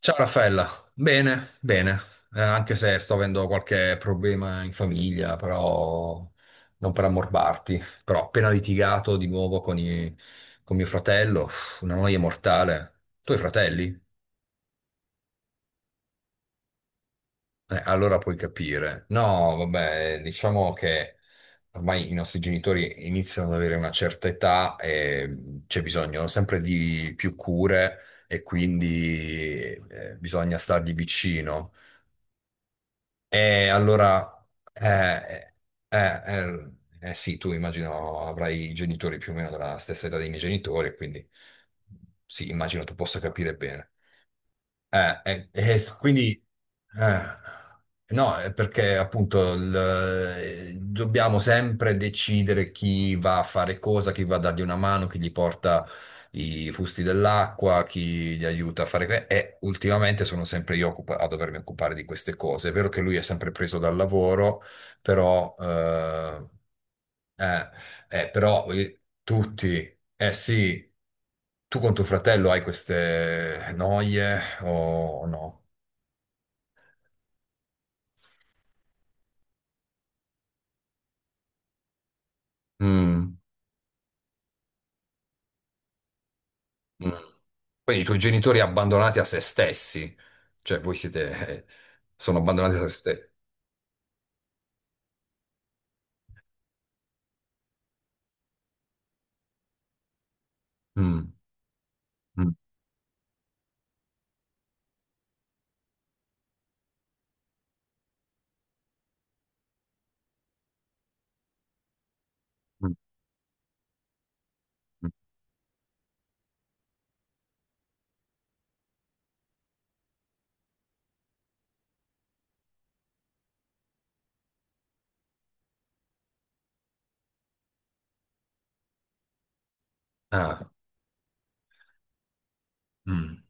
Ciao Raffaella, bene, bene, anche se sto avendo qualche problema in famiglia, però non per ammorbarti, però ho appena litigato di nuovo con, con mio fratello, uff, una noia mortale. Tu hai fratelli? Allora puoi capire. No, vabbè, diciamo che ormai i nostri genitori iniziano ad avere una certa età e c'è bisogno sempre di più cure e quindi bisogna stargli vicino. E allora, eh, eh, eh, sì, tu immagino avrai i genitori più o meno della stessa età dei miei genitori, e quindi sì, immagino tu possa capire bene. Quindi, eh, no, è perché appunto dobbiamo sempre decidere chi va a fare cosa, chi va a dargli una mano, chi gli porta i fusti dell'acqua, chi gli aiuta a fare. E ultimamente sono sempre io a dovermi occupare di queste cose. È vero che lui è sempre preso dal lavoro, però eh, eh, però voglio- tutti, eh sì, tu con tuo fratello hai queste noie o no? Mm, mm. Poi i tuoi genitori abbandonati a se stessi, cioè voi siete, sono abbandonati a se stessi. Mm, mm, mm, mm. Ah, mm.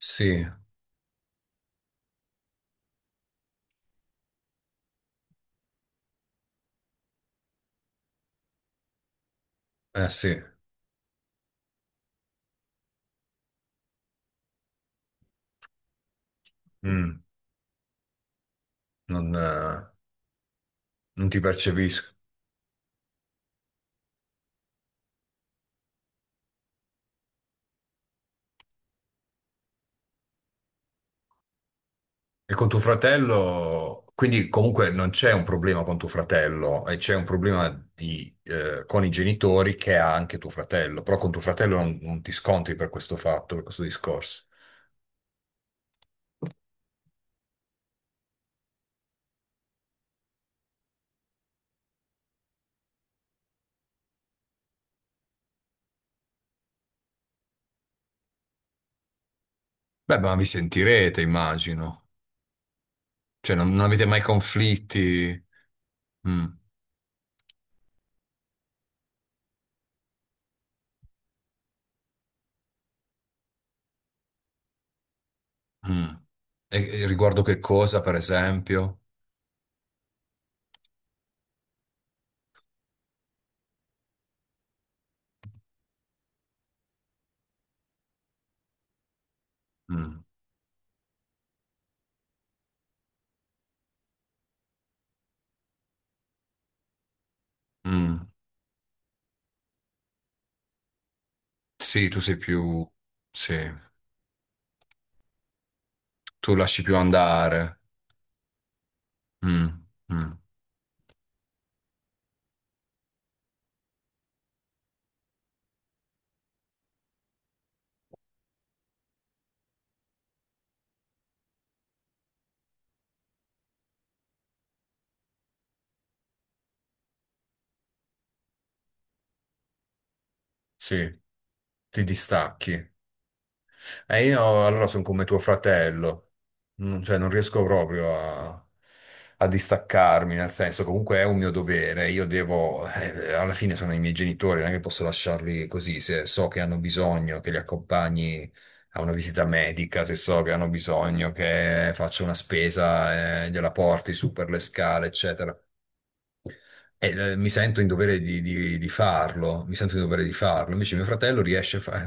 Sì, eh sì, mm, non, eh, non ti percepisco. E con tuo fratello, quindi comunque non c'è un problema con tuo fratello, e c'è un problema di, con i genitori che ha anche tuo fratello, però con tuo fratello non ti scontri per questo fatto, per questo discorso. Beh, ma vi sentirete, immagino. Cioè, non avete mai conflitti. Mm, mm. E riguardo che cosa, per esempio? Mm, mm. Sì, tu sei più. Sì, tu lasci più andare. Mm, mm. Sì, ti distacchi. E io allora sono come tuo fratello, non, cioè non riesco proprio a, distaccarmi, nel senso comunque è un mio dovere, io devo, alla fine sono i miei genitori, non è che posso lasciarli così, se so che hanno bisogno che li accompagni a una visita medica, se so che hanno bisogno che faccia una spesa, gliela porti su per le scale, eccetera. E, mi sento in dovere di farlo, mi sento in dovere di farlo. Invece mio fratello riesce a fare.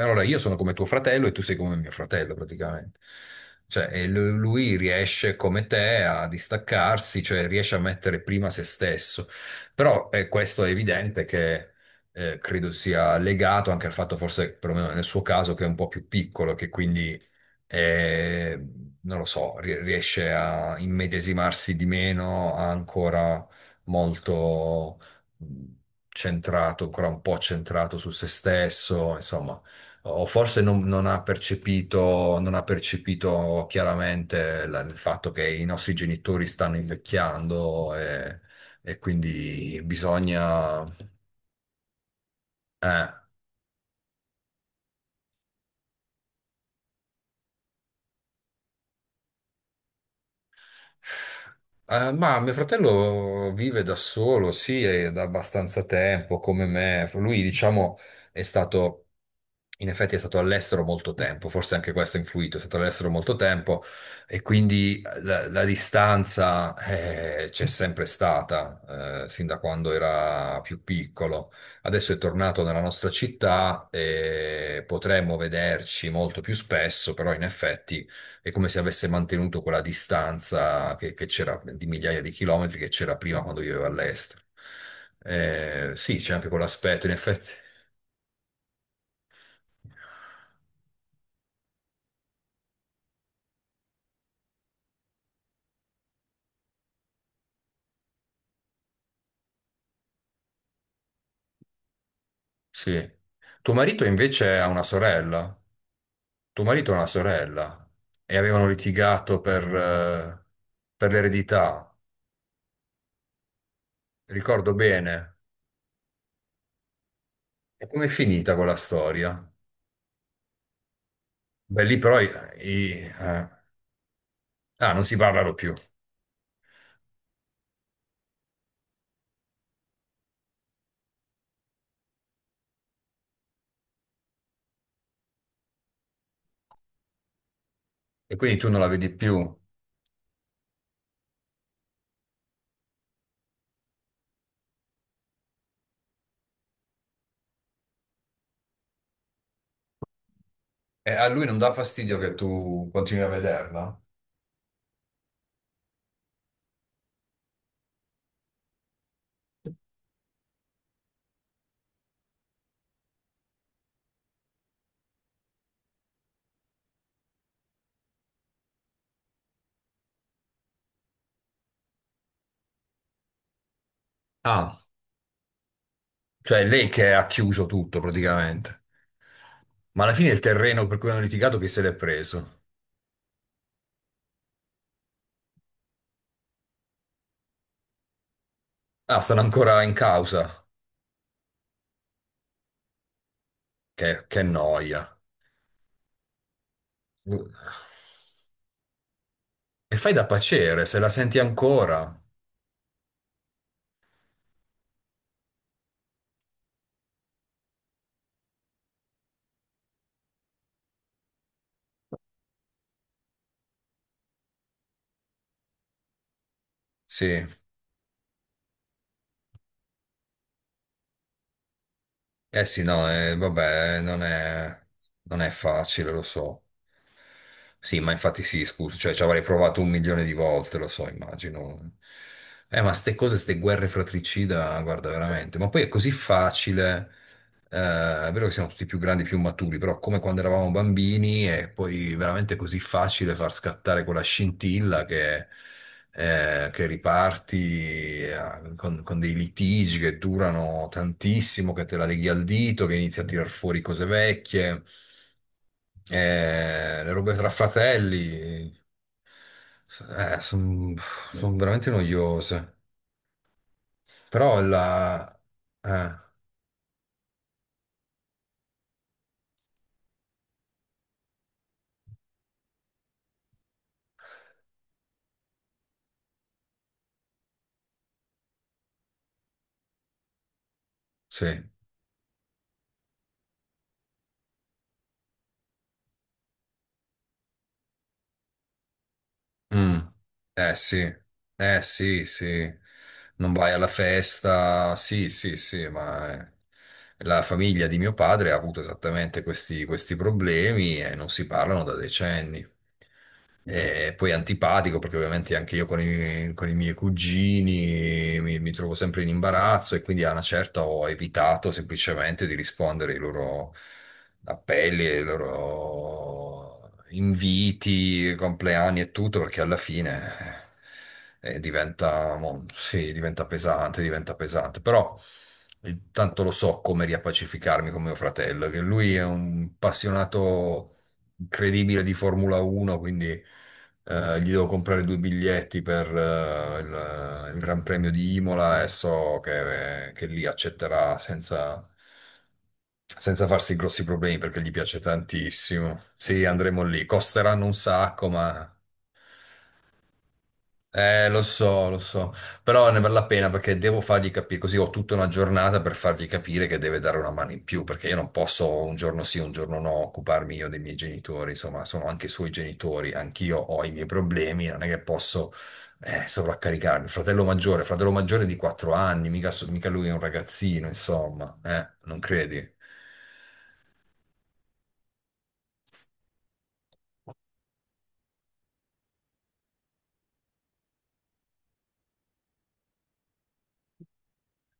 Allora io sono come tuo fratello e tu sei come mio fratello praticamente. Cioè, e lui riesce come te a distaccarsi, cioè riesce a mettere prima se stesso. Però questo è evidente che credo sia legato anche al fatto, forse perlomeno nel suo caso, che è un po' più piccolo, che quindi e non lo so, riesce a immedesimarsi di meno, ha ancora molto mh, centrato, ancora un po' centrato su se stesso, insomma, o forse non ha percepito, non ha percepito chiaramente il fatto che i nostri genitori stanno invecchiando e quindi bisogna... eh, ma mio fratello vive da solo, sì, è da abbastanza tempo, come me. Lui, diciamo, è stato, in effetti è stato all'estero molto tempo, forse anche questo ha influito, è stato all'estero molto tempo e quindi la distanza c'è sempre stata, sin da quando era più piccolo. Adesso è tornato nella nostra città e potremmo vederci molto più spesso, però in effetti è come se avesse mantenuto quella distanza che c'era di migliaia di chilometri che c'era prima quando viveva all'estero. Sì, c'è anche quell'aspetto, in effetti. Sì. Tuo marito invece ha una sorella. Tuo marito ha una sorella e avevano litigato per l'eredità. Ricordo bene. E com'è finita quella storia? Beh, lì però i- eh, ah, non si parlano più e quindi tu non la vedi più. E a lui non dà fastidio che tu continui a vederla? Ah, cioè è lei che ha chiuso tutto praticamente. Ma alla fine il terreno per cui hanno litigato che se l'è preso? Ah, stanno ancora in causa. Che noia. E fai da pacere, se la senti ancora. Sì. Eh sì, no, vabbè, non è facile, lo so. Sì, ma infatti sì, scusa, cioè ci avrei provato un milione di volte, lo so, immagino. Ma ste cose, ste guerre fratricida, guarda, veramente. Ma poi è così facile, eh, è vero che siamo tutti più grandi, più maturi, però come quando eravamo bambini è poi veramente così facile far scattare quella scintilla che riparti con, dei litigi che durano tantissimo, che te la leghi al dito, che inizi a tirar fuori cose vecchie, le robe tra fratelli, sono veramente noiose. Però eh, sì. Mm. Eh sì, eh sì, sì, non vai alla festa, sì, sì, sì, ma la famiglia di mio padre ha avuto esattamente questi problemi e non si parlano da decenni. E poi antipatico perché ovviamente anche io con i miei cugini mi trovo sempre in imbarazzo e quindi a una certa ho evitato semplicemente di rispondere ai loro appelli, ai loro inviti, compleanni e tutto perché alla fine diventa, sì, diventa pesante, diventa pesante. Però tanto lo so come riappacificarmi con mio fratello, che lui è un appassionato incredibile di Formula 1, quindi gli devo comprare due biglietti per il Gran Premio di Imola e so che lì accetterà senza farsi grossi problemi perché gli piace tantissimo. Sì, andremo lì. Costeranno un sacco, ma lo so, però ne vale la pena perché devo fargli capire, così ho tutta una giornata per fargli capire che deve dare una mano in più, perché io non posso un giorno sì, un giorno no occuparmi io dei miei genitori, insomma, sono anche i suoi genitori, anch'io ho i miei problemi, non è che posso sovraccaricarmi. Fratello maggiore di 4 anni, mica lui è un ragazzino, insomma, non credi?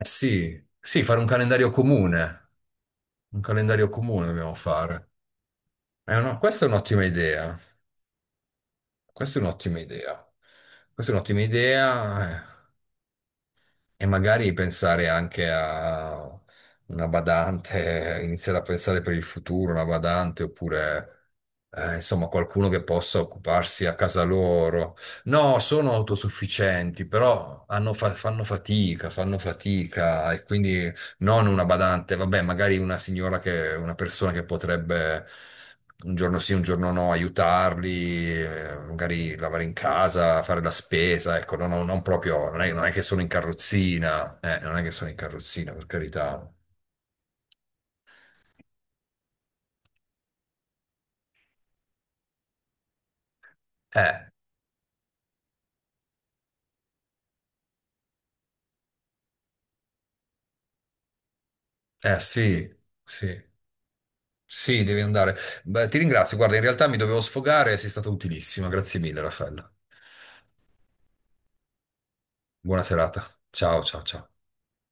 Sì, sì, fare un calendario comune dobbiamo fare. No, questa è un'ottima idea. Questa è un'ottima idea. Questa è un'ottima idea e magari pensare anche a una badante, iniziare a pensare per il futuro, una badante oppure insomma qualcuno che possa occuparsi a casa loro. No, sono autosufficienti, però hanno fanno fatica e quindi non una badante, vabbè, magari una persona che potrebbe un giorno sì, un giorno no, aiutarli, magari lavare in casa, fare la spesa, ecco, non proprio, non è che sono in carrozzina, non è che sono in carrozzina, per carità. Eh, sì, sì. Sì, devi andare. Beh, ti ringrazio. Guarda, in realtà mi dovevo sfogare, sei stata utilissima. Grazie mille, Raffaella. Buona serata. Ciao, ciao, ciao.